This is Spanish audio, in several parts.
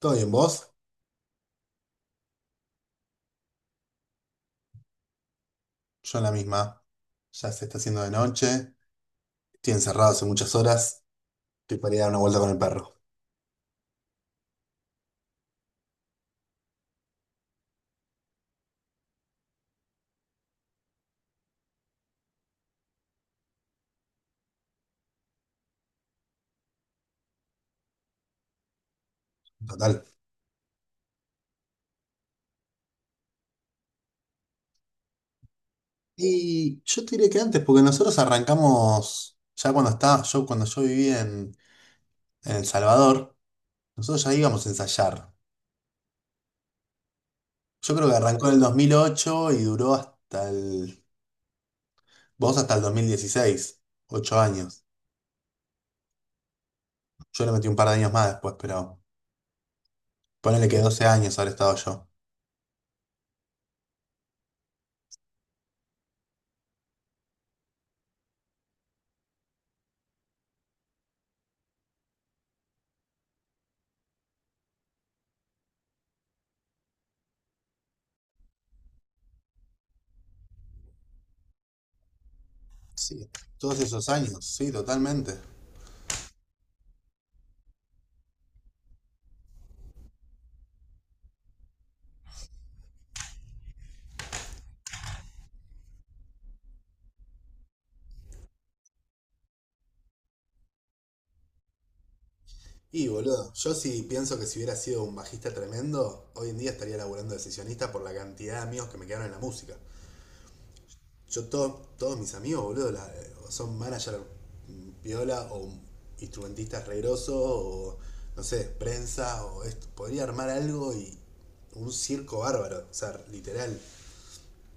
¿Todo bien vos? Yo en la misma. Ya se está haciendo de noche. Estoy encerrado hace muchas horas. Estoy para ir a dar una vuelta con el perro. Total. Y yo te diré que antes, porque nosotros arrancamos, ya cuando estaba, yo cuando yo viví en El Salvador, nosotros ya íbamos a ensayar. Yo creo que arrancó en el 2008 y duró vos hasta el 2016, 8 años. Yo le metí un par de años más después, pero ponele que 12 años habré estado yo. Sí, todos esos años, sí, totalmente. Y boludo, yo sí pienso que si hubiera sido un bajista tremendo, hoy en día estaría laburando de sesionista por la cantidad de amigos que me quedaron en la música. Yo todos mis amigos, boludo, son manager piola o instrumentistas regrosos o no sé, prensa o esto. Podría armar algo y un circo bárbaro, o sea, literal.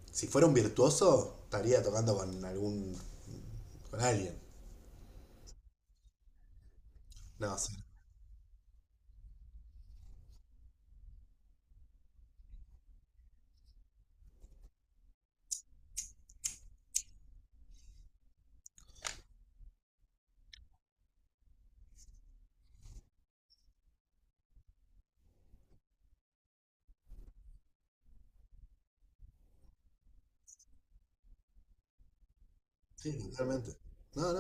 Si fuera un virtuoso, estaría tocando con alguien. No, sí, sí, totalmente. No, no,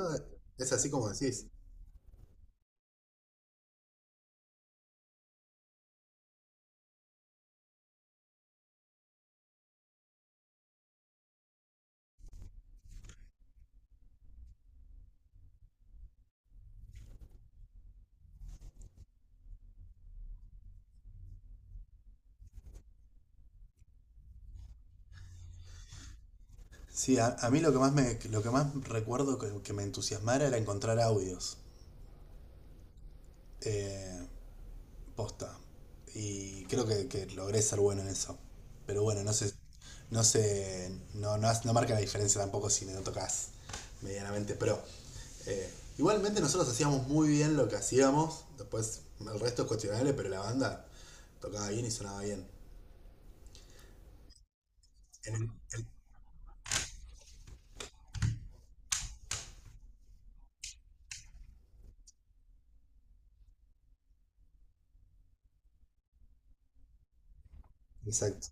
es así como decís. Sí, a mí lo que más recuerdo que me entusiasmara era encontrar audios. eh, Posta. Y creo que logré ser bueno en eso. Pero bueno, no sé, no, no, no marca la diferencia tampoco si no tocas medianamente pro. Eh, Igualmente nosotros hacíamos muy bien lo que hacíamos. Después el resto es cuestionable, pero la banda tocaba bien y sonaba bien. En el- en- exacto.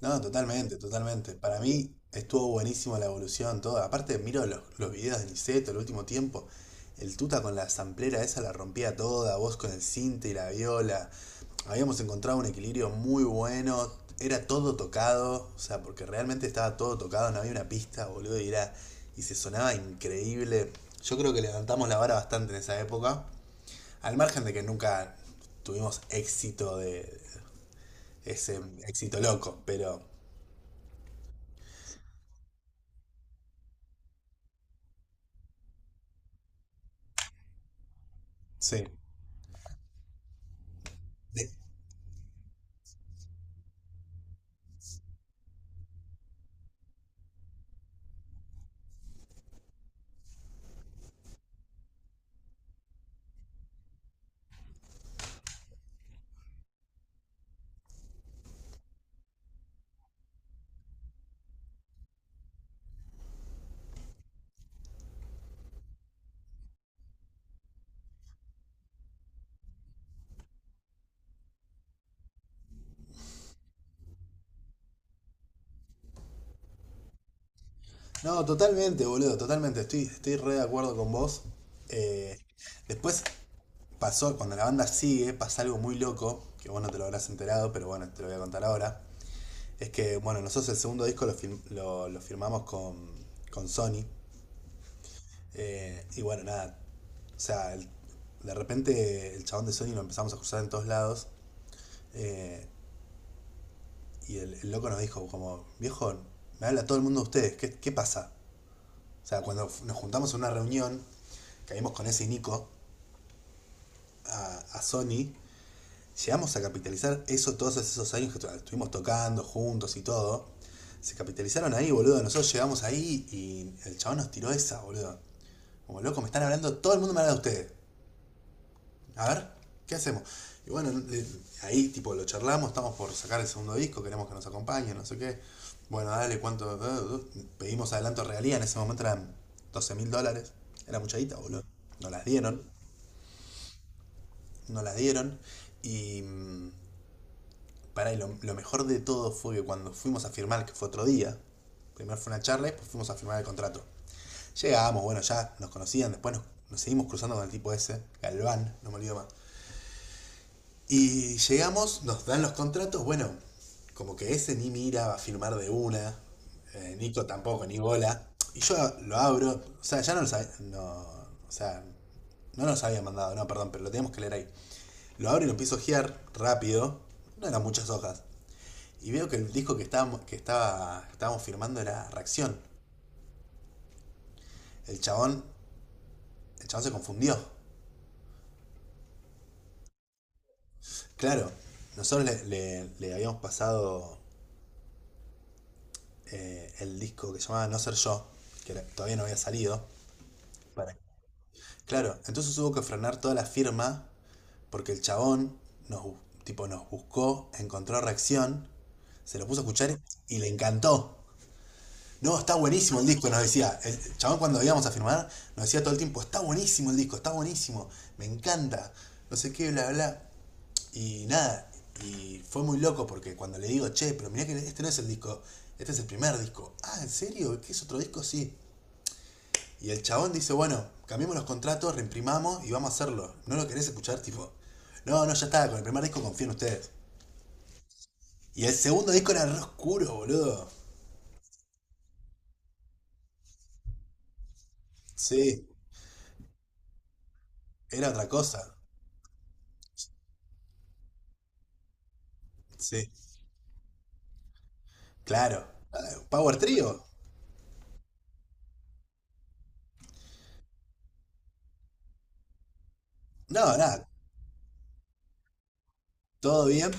No, totalmente, totalmente. Para mí estuvo buenísimo la evolución, todo. Aparte, miro los videos de Niceto el último tiempo. El Tuta con la samplera esa la rompía toda, vos con el cinte y la viola. Habíamos encontrado un equilibrio muy bueno. Era todo tocado, o sea, porque realmente estaba todo tocado, no había una pista, boludo, y era. Y se sonaba increíble. Yo creo que levantamos la vara bastante en esa época. Al margen de que nunca tuvimos éxito de ese éxito loco, pero sí. De- No, totalmente, boludo, totalmente. Estoy re de acuerdo con vos. Eh, Después pasó, cuando la banda sigue, pasa algo muy loco, que vos no te lo habrás enterado, pero bueno, te lo voy a contar ahora. Es que, bueno, nosotros el segundo disco lo firmamos con Sony. Y bueno, nada, o sea, de repente el chabón de Sony lo empezamos a cruzar en todos lados. eh, y el loco nos dijo, como, viejo, me habla todo el mundo de ustedes, ¿qué pasa? O sea, cuando nos juntamos en una reunión, caímos con ese Nico a Sony, llegamos a capitalizar eso todos esos años que estuvimos tocando juntos y todo. Se capitalizaron ahí, boludo. Nosotros llegamos ahí y el chabón nos tiró esa, boludo. Como loco, me están hablando, todo el mundo me habla de ustedes. A ver, ¿qué hacemos? Y bueno, ahí tipo lo charlamos, estamos por sacar el segundo disco, queremos que nos acompañen, no sé qué. Bueno, dale, ¿cuánto? Pedimos adelanto realía, en ese momento eran 12.000 dólares. Era mucha guita, boludo. Nos las dieron. No la dieron. Y para lo mejor de todo fue que cuando fuimos a firmar, que fue otro día, primero fue una charla y después fuimos a firmar el contrato. Llegamos, bueno, ya nos conocían, después nos seguimos cruzando con el tipo ese, Galván, no me olvido más. Y llegamos, nos dan los contratos, bueno, como que ese ni mira, va a firmar de una, Nico tampoco, ni bola. Y yo lo abro, o sea, ya no lo sabía, no, o sea, no nos habían mandado, no, perdón, pero lo teníamos que leer ahí. Lo abro y lo empiezo a ojear rápido. No eran muchas hojas. Y veo que el disco que estábamos, que estaba, estábamos firmando era Reacción. El chabón, el chabón se confundió. Claro, nosotros le habíamos pasado el disco que se llamaba No Ser Yo, todavía no había salido. para- Claro, entonces hubo que frenar toda la firma porque el chabón nos, tipo, nos buscó, encontró Reacción, se lo puso a escuchar y le encantó. No, está buenísimo el disco, nos decía. El chabón cuando íbamos a firmar, nos decía todo el tiempo, está buenísimo el disco, está buenísimo, me encanta, no sé qué, bla, bla. Y nada, y fue muy loco porque cuando le digo, che, pero mirá que este no es el disco, este es el primer disco. Ah, ¿en serio? ¿Qué es otro disco? Sí. Y el chabón dice, bueno, cambiemos los contratos, reimprimamos y vamos a hacerlo. ¿No lo querés escuchar? Tipo, no, no, ya está, con el primer disco confío en ustedes. Y el segundo disco era re oscuro, boludo. Sí, era otra cosa. Sí. Claro. Power Trio. No, nada, todo bien.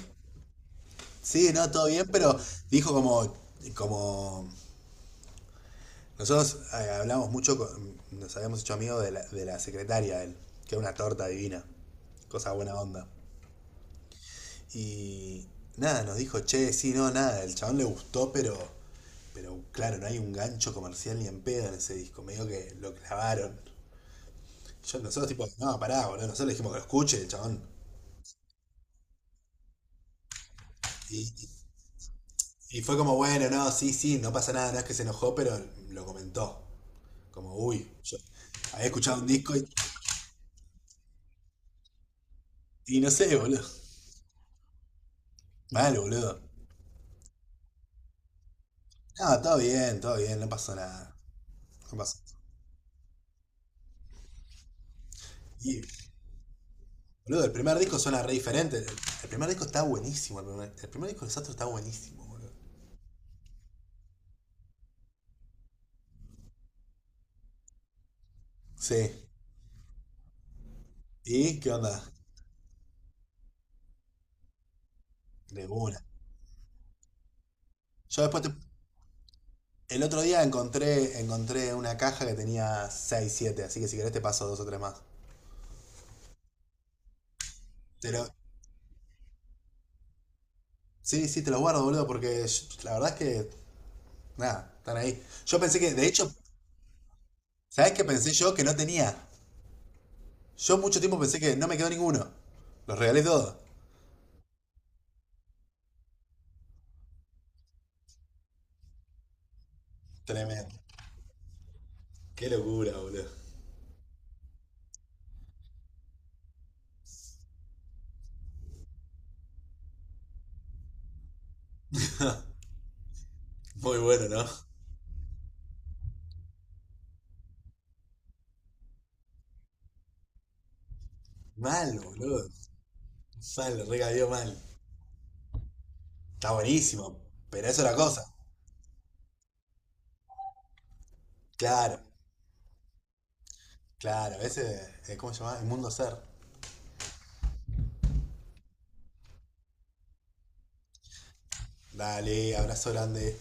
Sí, no, todo bien, pero dijo como, nosotros hablamos mucho, nos habíamos hecho amigos de la secretaria, de él, que era una torta divina, cosa buena onda. Y nada, nos dijo, che, sí, no, nada, el chabón le gustó, pero claro, no hay un gancho comercial ni en pedo en ese disco, medio que lo clavaron. Yo, nosotros tipo, no, pará, boludo, nosotros le dijimos que lo escuche, el chabón. Y fue como, bueno, no, sí, sí, no pasa nada, no es que se enojó, pero lo comentó. Como, uy, yo había escuchado un disco y no sé, boludo. Mal, boludo. No, todo bien, no pasó nada. No pasó. Y, boludo, el primer disco suena re diferente. El primer disco está buenísimo. El primer disco de Sastro está buenísimo, boludo. Sí. ¿Y qué onda? De una. Yo después el otro día encontré una caja que tenía 6 siete, así que si querés te paso dos o tres más. Pero sí, sí, te los guardo, boludo, porque la verdad es que, nada, están ahí. Yo pensé que, de hecho, ¿sabés qué pensé yo? Que no tenía. Yo mucho tiempo pensé que no me quedó ninguno. Los regalé todos. Tremendo. Qué locura, boludo. Muy bueno, ¿no? Mal, boludo. Mal, regaló mal. Está buenísimo, pero eso es la cosa. Claro, claro. Ese, ¿cómo se llama? El mundo ser. Dale, abrazo grande.